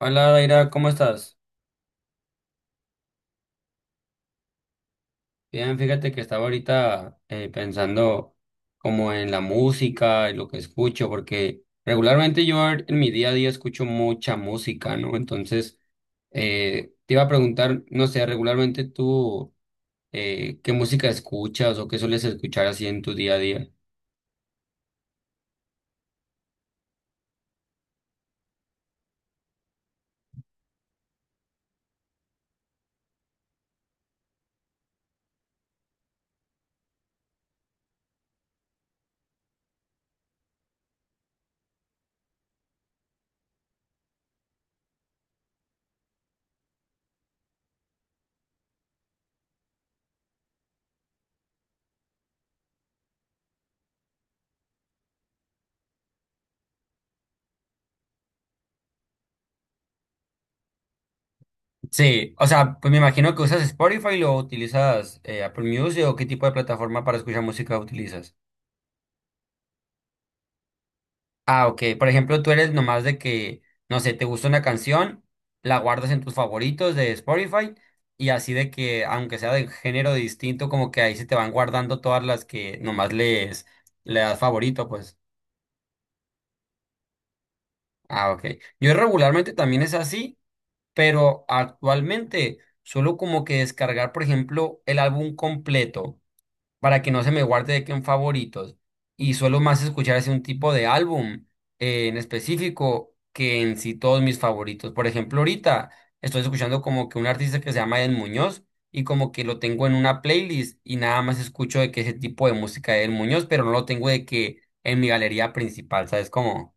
Hola, Daira, ¿cómo estás? Bien, fíjate que estaba ahorita pensando como en la música y lo que escucho, porque regularmente yo en mi día a día escucho mucha música, ¿no? Entonces, te iba a preguntar, no sé, regularmente tú, ¿qué música escuchas o qué sueles escuchar así en tu día a día? Sí, o sea, pues me imagino que usas Spotify lo utilizas Apple Music o qué tipo de plataforma para escuchar música utilizas. Ah, ok. Por ejemplo, tú eres nomás de que, no sé, te gusta una canción, la guardas en tus favoritos de Spotify y así de que, aunque sea de género distinto, como que ahí se te van guardando todas las que nomás les, le das favorito, pues. Ah, ok. Yo regularmente también es así, pero actualmente suelo como que descargar, por ejemplo, el álbum completo, para que no se me guarde de que en favoritos. Y suelo más escuchar ese un tipo de álbum en específico que en sí todos mis favoritos. Por ejemplo, ahorita estoy escuchando como que un artista que se llama Eden Muñoz y como que lo tengo en una playlist y nada más escucho de que ese tipo de música de Eden Muñoz, pero no lo tengo de que en mi galería principal, ¿sabes cómo?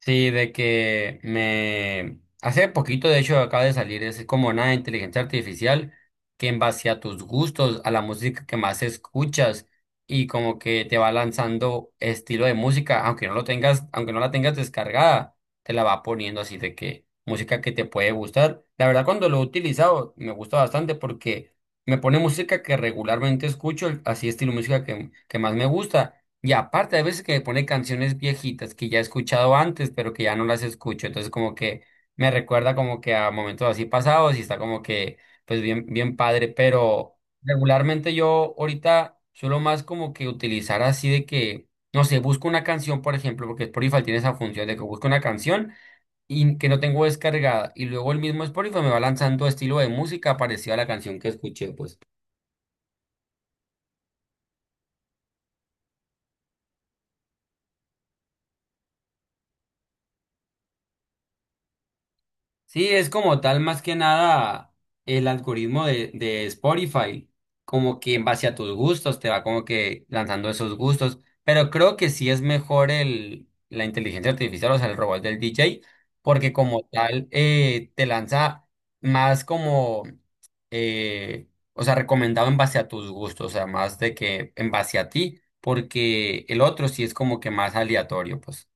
Sí, de que me... Hace poquito, de hecho, acaba de salir, es como una inteligencia artificial que en base a tus gustos, a la música que más escuchas y como que te va lanzando estilo de música, aunque no lo tengas, aunque no la tengas descargada, te la va poniendo así de que música que te puede gustar. La verdad, cuando lo he utilizado, me gusta bastante porque me pone música que regularmente escucho, así estilo música que más me gusta. Y aparte, hay veces que me pone canciones viejitas que ya he escuchado antes, pero que ya no las escucho. Entonces, como que me recuerda como que a momentos así pasados y está como que, pues bien, bien padre. Pero regularmente yo ahorita suelo más como que utilizar así de que, no sé, busco una canción, por ejemplo, porque Spotify tiene esa función de que busco una canción y que no tengo descargada. Y luego el mismo Spotify me va lanzando estilo de música parecido a la canción que escuché, pues. Sí, es como tal más que nada el algoritmo de Spotify, como que en base a tus gustos te va como que lanzando esos gustos, pero creo que sí es mejor el, la inteligencia artificial, o sea, el robot del DJ, porque como tal te lanza más como, eh, o sea, recomendado en base a tus gustos, o sea, más de que en base a ti, porque el otro sí es como que más aleatorio, pues.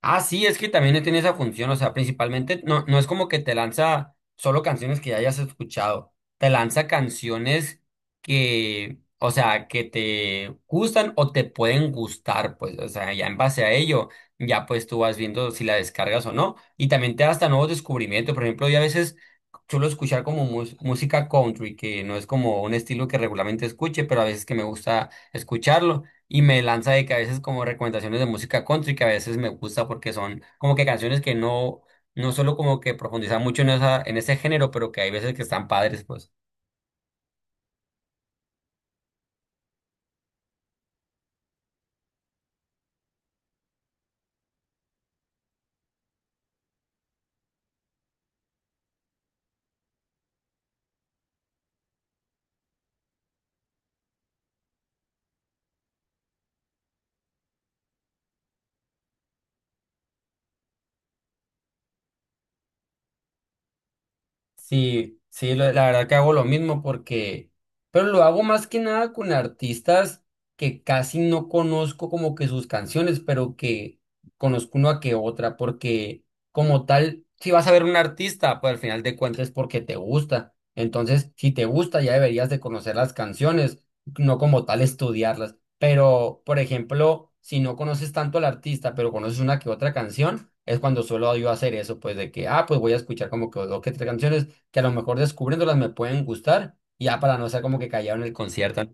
Ah, sí, es que también tiene esa función, o sea, principalmente no, no es como que te lanza solo canciones que ya hayas escuchado, te lanza canciones que, o sea, que te gustan o te pueden gustar, pues, o sea, ya en base a ello, ya pues tú vas viendo si la descargas o no, y también te da hasta nuevos descubrimientos, por ejemplo, yo a veces suelo escuchar como música country, que no es como un estilo que regularmente escuche, pero a veces que me gusta escucharlo y me lanza de que a veces como recomendaciones de música country que a veces me gusta porque son como que canciones que no, no solo como que profundizan mucho en esa, en ese género, pero que hay veces que están padres, pues. Sí, sí, la verdad que hago lo mismo porque, pero lo hago más que nada con artistas que casi no conozco como que sus canciones, pero que conozco una que otra, porque como tal, si vas a ver un artista, pues al final de cuentas es porque te gusta. Entonces, si te gusta, ya deberías de conocer las canciones, no como tal estudiarlas. Pero, por ejemplo, si no conoces tanto al artista, pero conoces una que otra canción, es cuando suelo yo hacer eso, pues de que, ah, pues voy a escuchar como que dos que tres canciones que a lo mejor descubriéndolas me pueden gustar, y ya para no ser como que callado en el concierto, ¿no?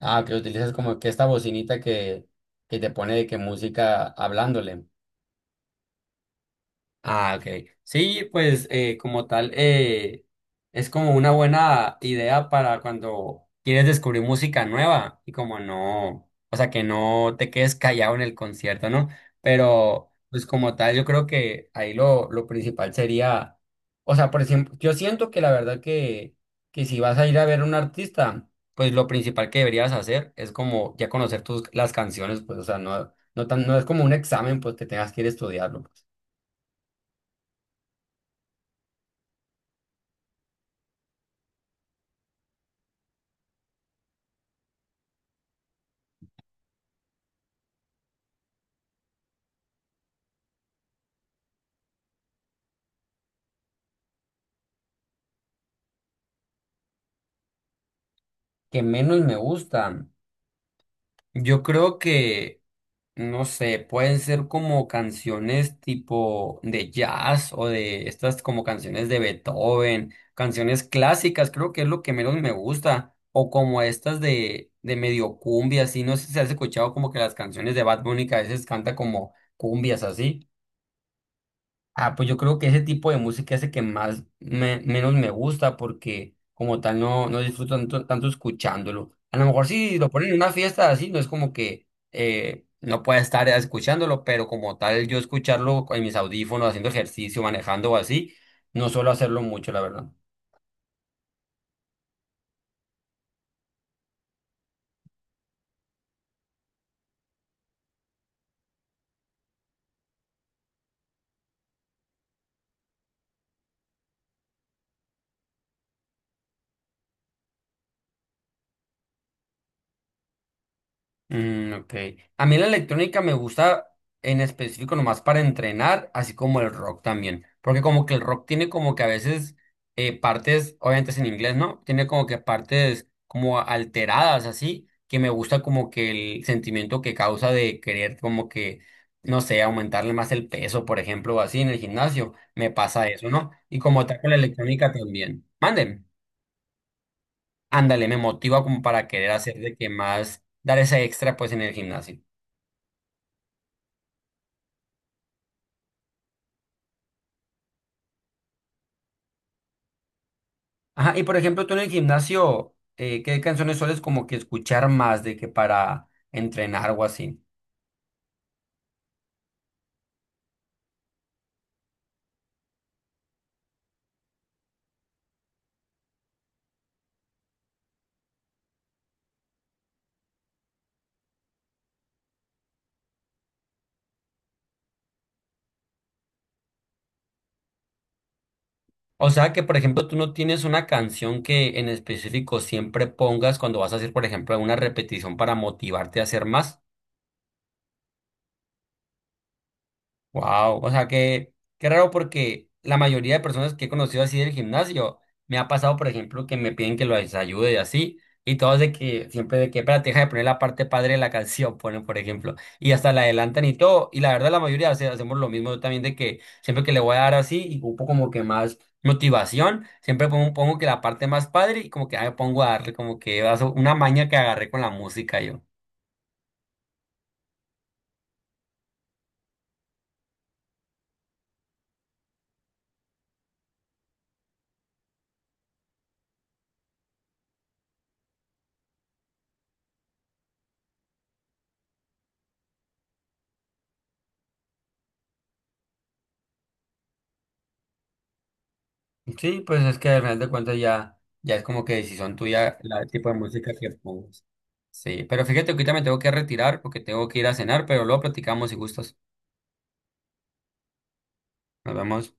Ah, que utilizas como que esta bocinita que te pone de que música hablándole. Ah, ok. Sí, pues como tal, es como una buena idea para cuando quieres descubrir música nueva y como no, o sea, que no te quedes callado en el concierto, ¿no? Pero pues como tal, yo creo que ahí lo principal sería, o sea, por ejemplo, yo siento que la verdad que si vas a ir a ver a un artista, pues lo principal que deberías hacer es como ya conocer tus, las canciones, pues, o sea, no, no tan, no es como un examen, pues que tengas que ir a estudiarlo, pues. Que menos me gustan. Yo creo que, no sé, pueden ser como canciones tipo de jazz o de estas como canciones de Beethoven, canciones clásicas, creo que es lo que menos me gusta. O como estas de medio cumbia, así, no sé si has escuchado como que las canciones de Bad Bunny que a veces canta como cumbias así. Ah, pues yo creo que ese tipo de música es el que más menos me gusta porque como tal no, no disfruto tanto, tanto escuchándolo. A lo mejor si lo ponen en una fiesta así, no es como que no pueda estar escuchándolo, pero como tal yo escucharlo en mis audífonos, haciendo ejercicio, manejando o así, no suelo hacerlo mucho, la verdad. Mm, ok. A mí la electrónica me gusta en específico nomás para entrenar, así como el rock también. Porque como que el rock tiene como que a veces partes, obviamente es en inglés, ¿no? Tiene como que partes como alteradas, así, que me gusta como que el sentimiento que causa de querer como que, no sé, aumentarle más el peso, por ejemplo, o así en el gimnasio. Me pasa eso, ¿no? Y como tal con la electrónica también. Manden. Ándale, me motiva como para querer hacer de que más, dar ese extra pues en el gimnasio. Ajá, y por ejemplo, tú en el gimnasio, ¿qué canciones sueles como que escuchar más de que para entrenar o así? O sea que, por ejemplo, tú no tienes una canción que en específico siempre pongas cuando vas a hacer, por ejemplo, una repetición para motivarte a hacer más. Wow, o sea que qué raro porque la mayoría de personas que he conocido así del gimnasio me ha pasado, por ejemplo, que me piden que los ayude y así, y todos de que siempre de que, espérate, deja de poner la parte padre de la canción, ponen, por ejemplo, y hasta la adelantan y todo, y la verdad la mayoría hacemos lo mismo yo también de que siempre que le voy a dar así y ocupo como que más motivación, siempre pongo, pongo que la parte más padre y como que ah, me pongo a darle como que eso, una maña que agarré con la música yo. Sí, pues es que al final de cuentas ya, ya es como que decisión tuya la, el tipo de música que pongas. Sí, pero fíjate, que ahorita me tengo que retirar porque tengo que ir a cenar, pero luego platicamos si gustas. Nos vemos.